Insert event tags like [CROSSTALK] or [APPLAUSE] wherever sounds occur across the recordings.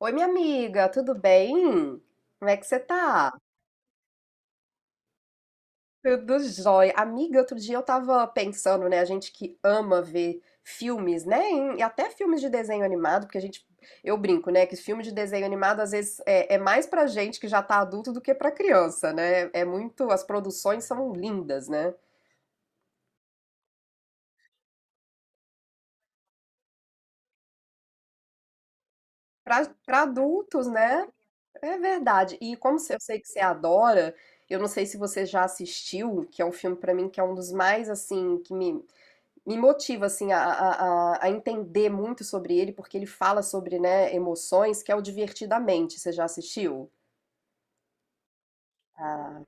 Oi, minha amiga, tudo bem? Como é que você tá? Tudo jóia. Amiga, outro dia eu tava pensando, né? A gente que ama ver filmes, né? E até filmes de desenho animado, porque a gente, eu brinco, né? Que filme de desenho animado às vezes é mais pra gente que já tá adulto do que pra criança, né? É muito, as produções são lindas, né? Pra adultos, né? É verdade. E como eu sei que você adora, eu não sei se você já assistiu, que é um filme pra mim que é um dos mais assim que me motiva assim a entender muito sobre ele, porque ele fala sobre, né, emoções, que é o Divertidamente. Você já assistiu? Ah,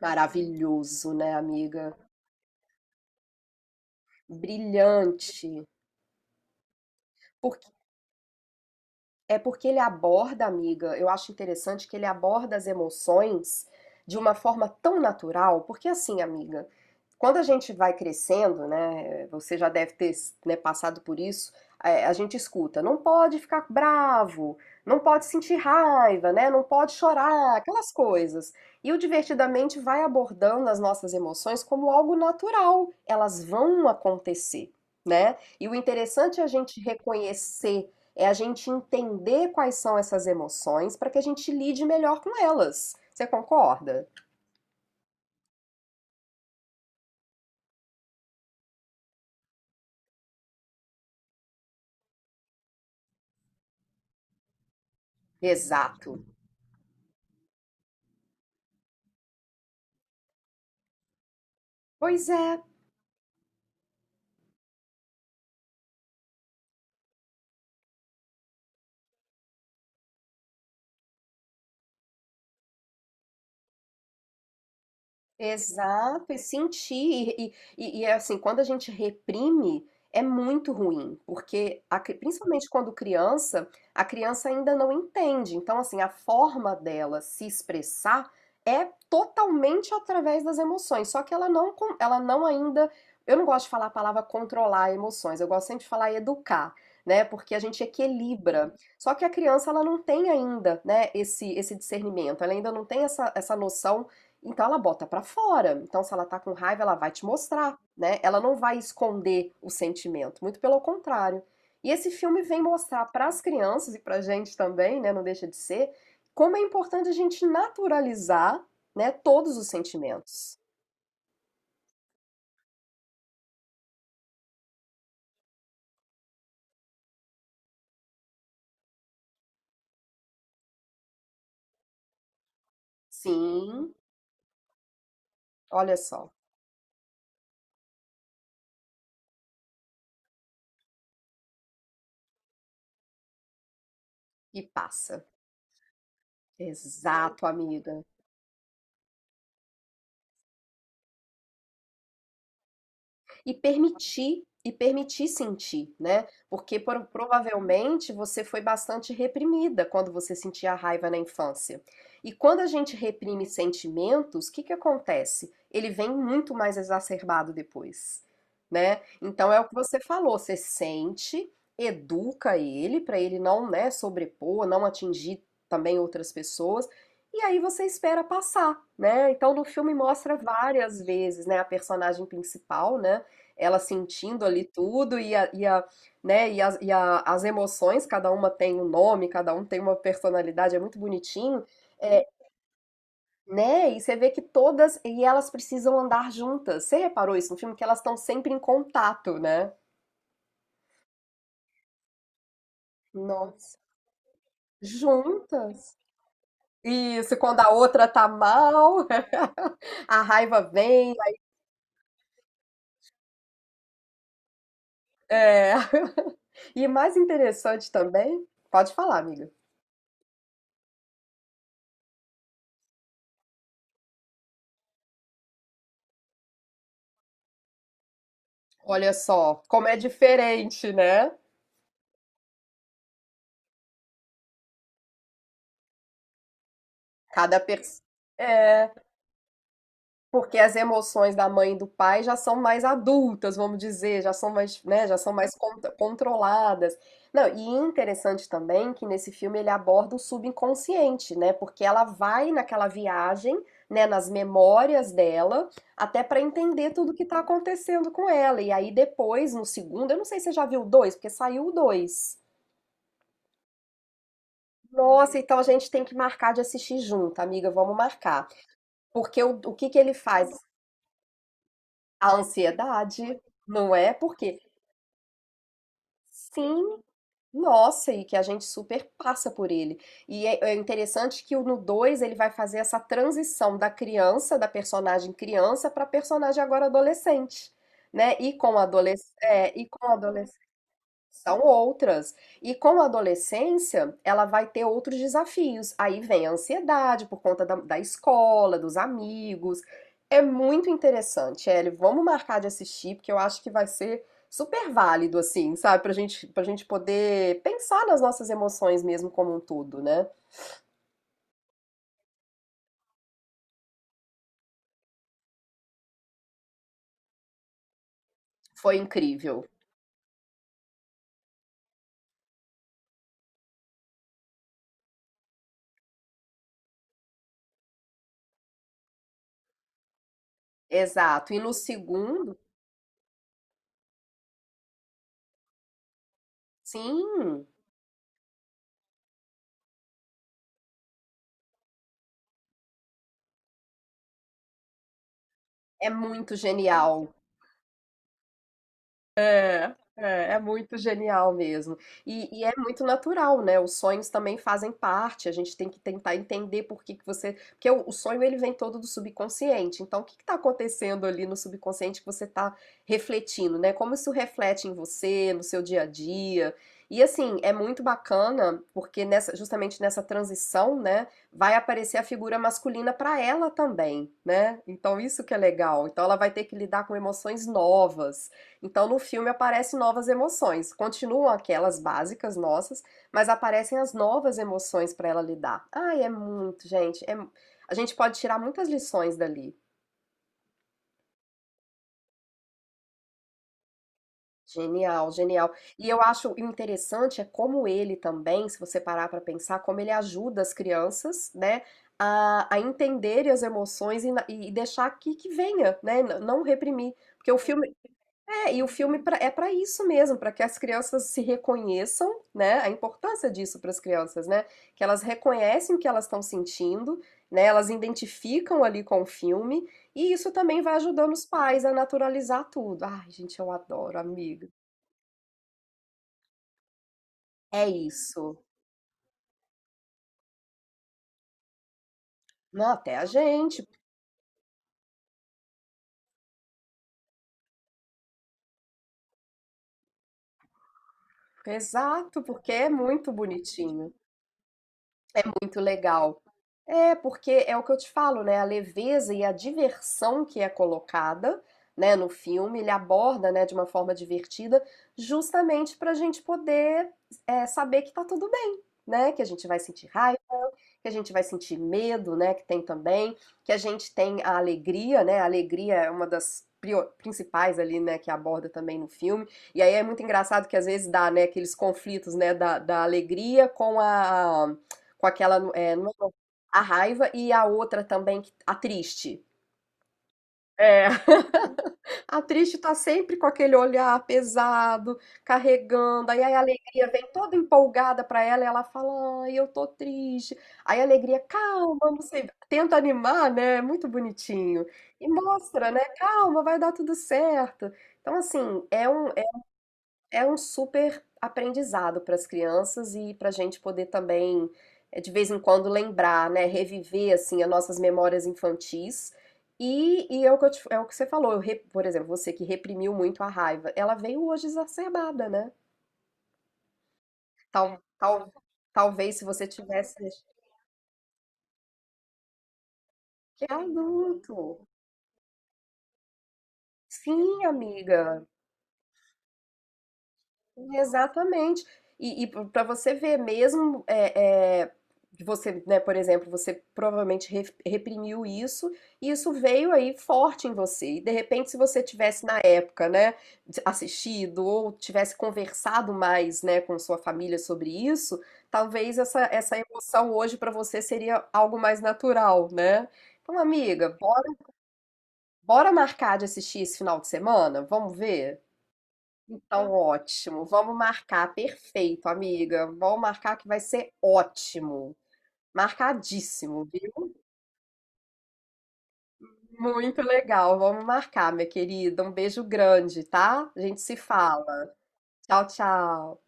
maravilhoso, né, amiga? Brilhante. Por É porque ele aborda, amiga, eu acho interessante que ele aborda as emoções de uma forma tão natural, porque assim, amiga, quando a gente vai crescendo, né, você já deve ter, né, passado por isso, é, a gente escuta, não pode ficar bravo, não pode sentir raiva, né, não pode chorar, aquelas coisas. E o Divertidamente vai abordando as nossas emoções como algo natural, elas vão acontecer, né? E o interessante é a gente reconhecer é a gente entender quais são essas emoções para que a gente lide melhor com elas. Você concorda? Exato. Pois é. Exato, e sentir, e é assim, quando a gente reprime, é muito ruim, porque a principalmente quando criança, a criança ainda não entende. Então, assim, a forma dela se expressar é totalmente através das emoções, só que ela não, ela não ainda, eu não gosto de falar a palavra controlar emoções, eu gosto sempre de falar educar, né? Porque a gente equilibra. Só que a criança, ela não tem ainda, né, esse discernimento, ela ainda não tem essa noção, então ela bota pra fora. Então se ela tá com raiva, ela vai te mostrar, né? Ela não vai esconder o sentimento, muito pelo contrário. E esse filme vem mostrar para as crianças e pra gente também, né, não deixa de ser, como é importante a gente naturalizar, né, todos os sentimentos. Sim, olha só. E passa. Exato, amiga. E permitir sentir, né? Porque provavelmente você foi bastante reprimida quando você sentia a raiva na infância. E quando a gente reprime sentimentos, o que que acontece? Ele vem muito mais exacerbado depois, né? Então é o que você falou, você sente, educa ele para ele não, né, sobrepor, não atingir também outras pessoas. E aí você espera passar, né? Então no filme mostra várias vezes, né, a personagem principal, né? Ela sentindo ali tudo né, as emoções, cada uma tem um nome, cada um tem uma personalidade, é muito bonitinho, é, né? E você vê que todas, e elas precisam andar juntas. Você reparou isso no filme? Que elas estão sempre em contato, né? Nossa. Juntas. Isso, quando a outra tá mal, [LAUGHS] a raiva vem. É. [LAUGHS] E mais interessante também, pode falar, amiga. Olha só, como é diferente, né? Cada pessoa. É, porque as emoções da mãe e do pai já são mais adultas, vamos dizer, já são mais, né, já são mais controladas. Não, e interessante também que nesse filme ele aborda o subconsciente, né? Porque ela vai naquela viagem, né, nas memórias dela, até para entender tudo que tá acontecendo com ela. E aí depois, no segundo, eu não sei se você já viu o dois, porque saiu o dois. Nossa, então a gente tem que marcar de assistir junto, amiga, vamos marcar. Porque o que que ele faz? A ansiedade, não é? Porque sim, nossa, e que a gente super passa por ele. É interessante que o no 2 ele vai fazer essa transição da criança, da personagem criança, para personagem agora adolescente, né? E com adolescente são outras. E com a adolescência, ela vai ter outros desafios. Aí vem a ansiedade por conta da escola, dos amigos. É muito interessante, Ellie. Vamos marcar de assistir, porque eu acho que vai ser super válido, assim, sabe? Pra gente poder pensar nas nossas emoções mesmo como um todo, né? Foi incrível. Exato. E no segundo, sim, é muito genial. É muito genial mesmo. E é muito natural, né? Os sonhos também fazem parte. A gente tem que tentar entender por que que você. Porque o sonho ele vem todo do subconsciente. Então, o que está acontecendo ali no subconsciente que você está refletindo, né? Como isso reflete em você, no seu dia a dia. E assim, é muito bacana, porque nessa, justamente nessa transição, né, vai aparecer a figura masculina para ela também, né? Então isso que é legal. Então ela vai ter que lidar com emoções novas. Então, no filme aparecem novas emoções. Continuam aquelas básicas nossas, mas aparecem as novas emoções para ela lidar. Ai, é muito, gente. É a gente pode tirar muitas lições dali. Genial, genial. E eu acho o interessante é como ele também, se você parar para pensar, como ele ajuda as crianças, né, a entenderem as emoções e, e deixar que venha, né, não reprimir. Porque o filme, é, e o filme é para isso mesmo, para que as crianças se reconheçam, né? A importância disso para as crianças, né? Que elas reconhecem o que elas estão sentindo, né? Elas identificam ali com o filme, e isso também vai ajudando os pais a naturalizar tudo. Ai, gente, eu adoro, amiga. É isso. Não, até a gente. Exato, porque é muito bonitinho, muito legal. É, porque é o que eu te falo, né? A leveza e a diversão que é colocada, né, no filme, ele aborda, né, de uma forma divertida, justamente para a gente poder é, saber que tá tudo bem, né? Que a gente vai sentir raiva, que a gente vai sentir medo, né, que tem também, que a gente tem a alegria, né? A alegria é uma das principais ali, né, que aborda também no filme. E aí é muito engraçado que às vezes dá, né, aqueles conflitos, né, da alegria com a com aquela é, não é- a raiva e a outra também a triste. É, a triste tá sempre com aquele olhar pesado, carregando. Aí a alegria vem toda empolgada pra ela e ela fala: Ai, eu tô triste. Aí a alegria, calma, não sei. Tenta animar, né? É muito bonitinho. E mostra, né? Calma, vai dar tudo certo. Então, assim, é é um super aprendizado para as crianças e para a gente poder também, de vez em quando, lembrar, né, reviver assim as nossas memórias infantis. E é o que é o que você falou, por exemplo, você que reprimiu muito a raiva, ela veio hoje exacerbada, né? Tal, tal, talvez se você tivesse. Que adulto! Sim, amiga. Exatamente. E, para você ver, mesmo você, né, por exemplo, você provavelmente reprimiu isso, e isso veio aí forte em você. E de repente, se você tivesse na época, né, assistido ou tivesse conversado mais, né, com sua família sobre isso, talvez essa emoção hoje para você seria algo mais natural, né? Então, amiga, bora, bora marcar de assistir esse final de semana? Vamos ver? Então, ótimo. Vamos marcar. Perfeito, amiga. Vamos marcar que vai ser ótimo. Marcadíssimo, viu? Muito legal. Vamos marcar, minha querida. Um beijo grande, tá? A gente se fala. Tchau, tchau.